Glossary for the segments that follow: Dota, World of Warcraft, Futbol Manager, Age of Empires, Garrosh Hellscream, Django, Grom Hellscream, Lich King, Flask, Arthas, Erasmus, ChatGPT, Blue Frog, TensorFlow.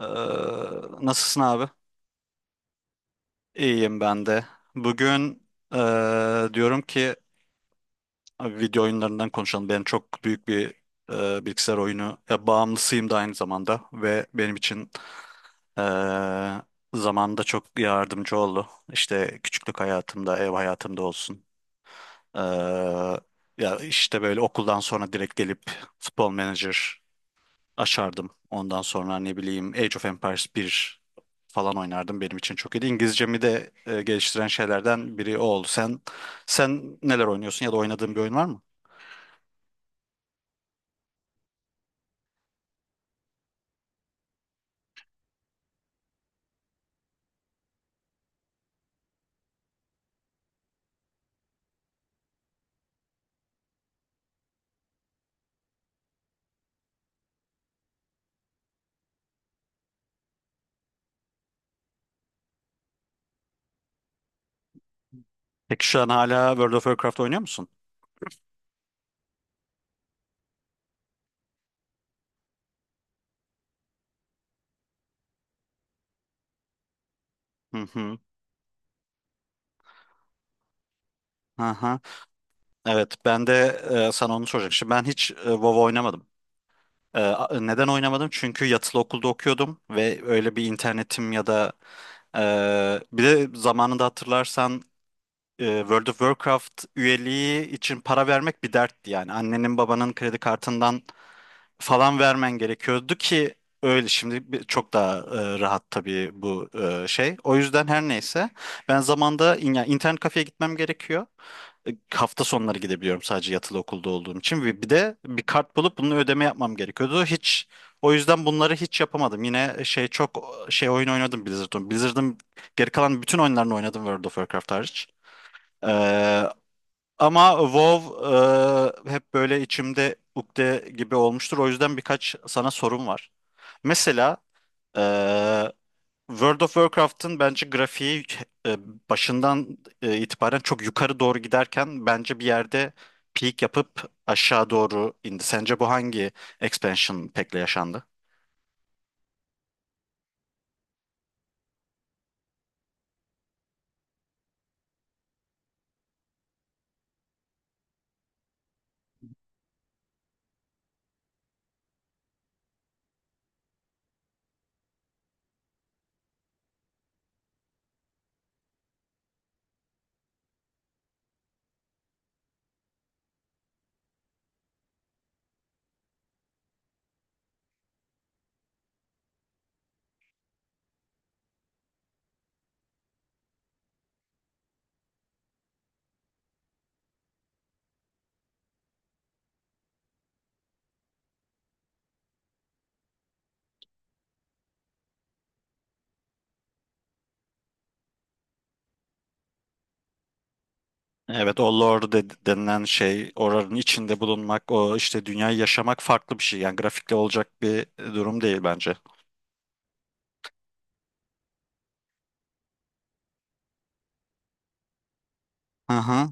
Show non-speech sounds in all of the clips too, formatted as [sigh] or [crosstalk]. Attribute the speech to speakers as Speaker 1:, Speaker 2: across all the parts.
Speaker 1: Ee, nasılsın abi? İyiyim ben de. Bugün diyorum ki abi video oyunlarından konuşalım. Ben çok büyük bir bilgisayar oyunu ya, bağımlısıyım da aynı zamanda ve benim için ee, zamanında çok yardımcı oldu. İşte küçüklük hayatımda, ev hayatımda olsun. Ee, ya işte böyle okuldan sonra direkt gelip Futbol Manager açardım. Ondan sonra ne bileyim Age of Empires bir falan oynardım. Benim için çok iyiydi. İngilizcemi de geliştiren şeylerden biri o oldu. Sen neler oynuyorsun ya da oynadığın bir oyun var mı? Peki şu an hala World of Warcraft oynuyor musun? Hı hı. Aha. Evet, ben de sana onu soracaktım. Şimdi ben hiç WoW oynamadım. Neden oynamadım? Çünkü yatılı okulda okuyordum ve öyle bir internetim ya da e, bir de zamanında hatırlarsan World of Warcraft üyeliği için para vermek bir dertti yani. Annenin babanın kredi kartından falan vermen gerekiyordu ki öyle şimdi çok daha rahat tabii bu şey. O yüzden her neyse ben yani internet kafeye gitmem gerekiyor. Hafta sonları gidebiliyorum sadece yatılı okulda olduğum için ve bir de bir kart bulup bunun ödeme yapmam gerekiyordu. Hiç o yüzden bunları hiç yapamadım. Yine e, şey çok şey oyun oynadım Blizzard'ın. Blizzard'ın geri kalan bütün oyunlarını oynadım World of Warcraft hariç. Ee, ama WoW hep böyle içimde ukde gibi olmuştur. O yüzden birkaç sana sorum var. Mesela e, World of Warcraft'ın bence grafiği e, başından itibaren çok yukarı doğru giderken bence bir yerde peak yapıp aşağı doğru indi. Sence bu hangi expansion pack'le yaşandı? Evet o denilen şey oranın içinde bulunmak o işte dünyayı yaşamak farklı bir şey yani grafikle olacak bir durum değil bence. Hı hı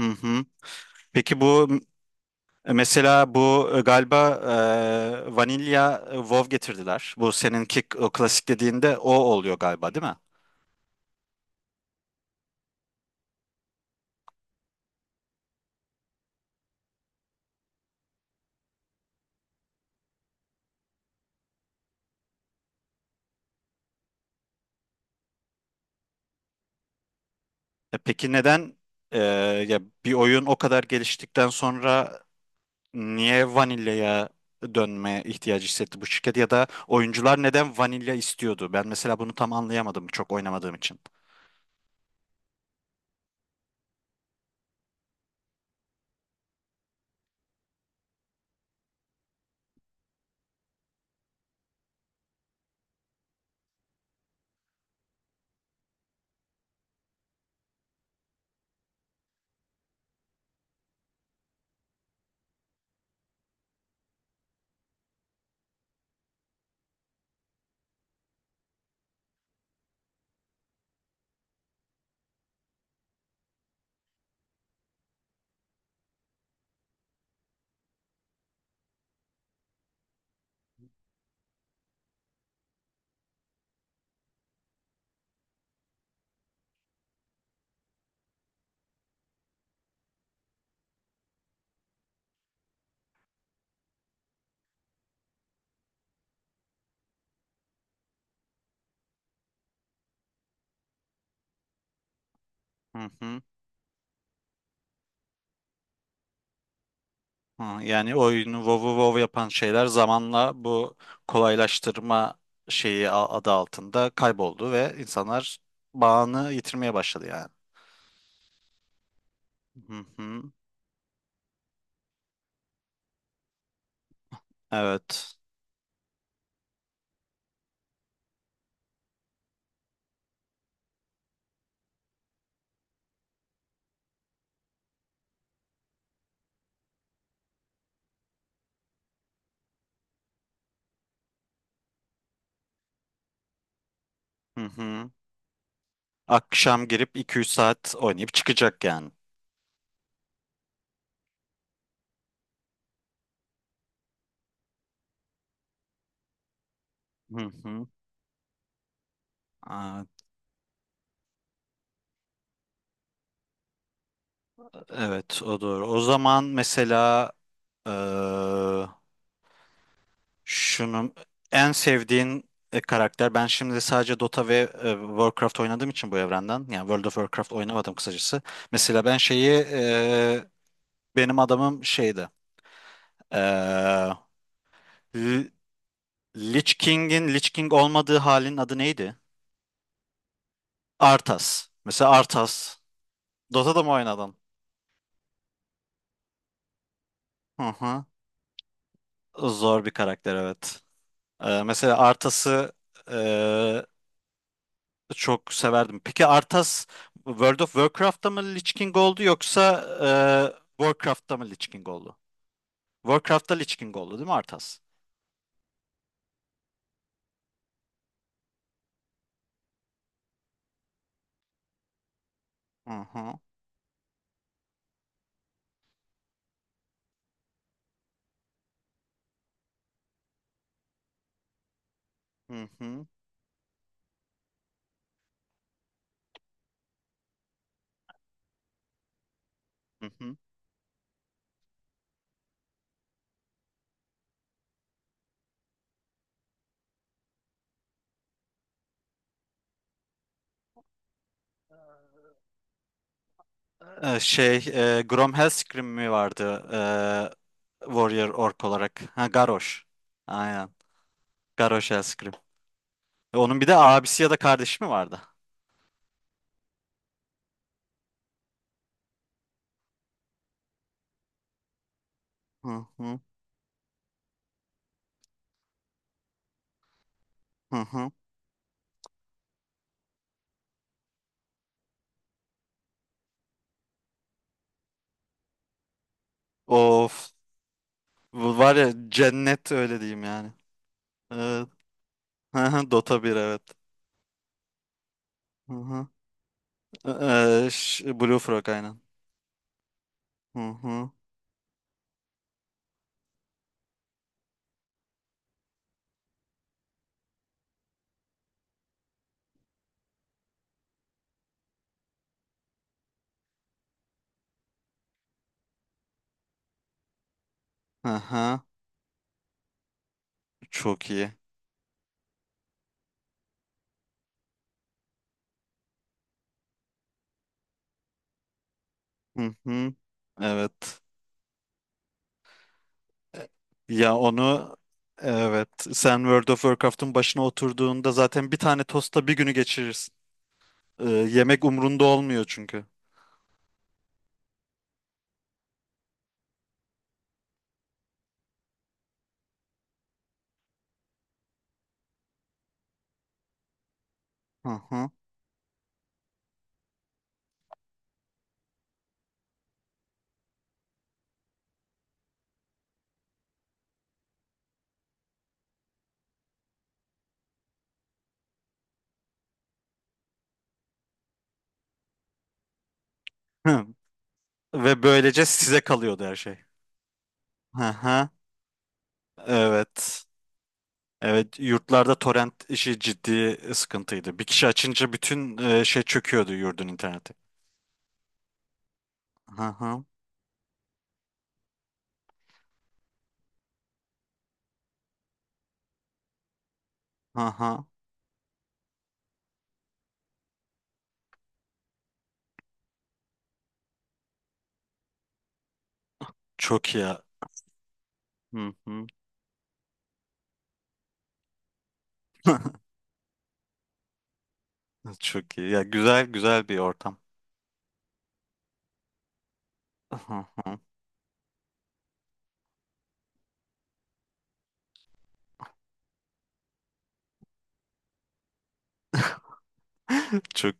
Speaker 1: hı hı. Peki bu m- mesela bu galiba vanilya WoW getirdiler. Bu seninki o klasik dediğinde o oluyor galiba değil mi? E peki neden e, ya bir oyun o kadar geliştikten sonra niye vanilyaya dönme ihtiyacı hissetti bu şirket ya da oyuncular neden vanilya istiyordu? Ben mesela bunu tam anlayamadım çok oynamadığım için. Hı hı. Ha, yani oyunu WoW'u WoW yapan şeyler zamanla bu kolaylaştırma şeyi adı altında kayboldu ve insanlar bağını yitirmeye başladı yani. Hı hı. Evet. Hı hı. Akşam girip 2-3 saat oynayıp çıkacak yani. Hı hı. Aa, evet o doğru. O zaman mesela eee şunu en sevdiğin karakter. Ben şimdi sadece Dota ve Warcraft oynadığım için bu evrenden. Yani World of Warcraft oynamadım kısacası. Mesela ben şeyi benim adamım şeydi. Eee L- Lich King'in Lich King olmadığı halin adı neydi? Arthas. Mesela Arthas. Dota'da mı oynadın? Hı hı. Zor bir karakter evet. Mesela Arthas'ı e, çok severdim. Peki Arthas World of Warcraft'ta mı Lich King oldu yoksa Warcraft'ta mı Lich King oldu? Warcraft'ta Lich King oldu değil mi Arthas? Hı hı. Hı hı. Hı hı. Ee, şey Grom Hellscream mi vardı Warrior Orc olarak? Ha Garrosh. Aynen. Garrosh Hellscream. Onun bir de abisi ya da kardeşi mi vardı? Hı hı. Hı hı. Of. Bu var ya cennet öyle diyeyim yani. Evet. [laughs] Dota bir evet. Hı hı. Blue Frog aynen. Hı hı. Hı Çok iyi. Hı hı. Evet. E, Ya onu evet sen World of Warcraft'ın başına oturduğunda zaten bir tane tosta bir günü geçirirsin. Yemek umrunda olmuyor çünkü. Hı hı. Hı. Ve böylece size kalıyordu her şey. Hı hı. Evet. Evet, yurtlarda torrent işi ciddi sıkıntıydı. Bir kişi açınca bütün şey çöküyordu yurdun interneti. Hı hı hı hı. Çok iyi. Ya. Hı hı. [laughs] Çok iyi. Ya güzel güzel bir ortam. Hı hı. Çok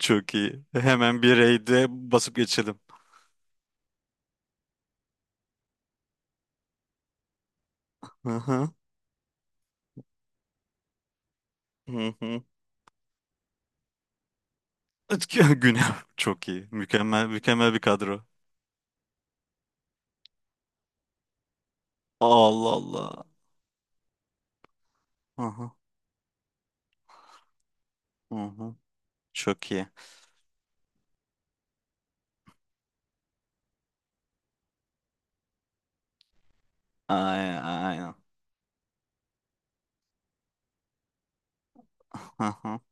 Speaker 1: çok iyi. Hemen bir raid'e basıp geçelim. Hı hı. Hı hı. [laughs] Güne çok iyi. Mükemmel mükemmel bir kadro. Allah Allah. Hı hı. Hı hı. Çok iyi. Aynen. [laughs]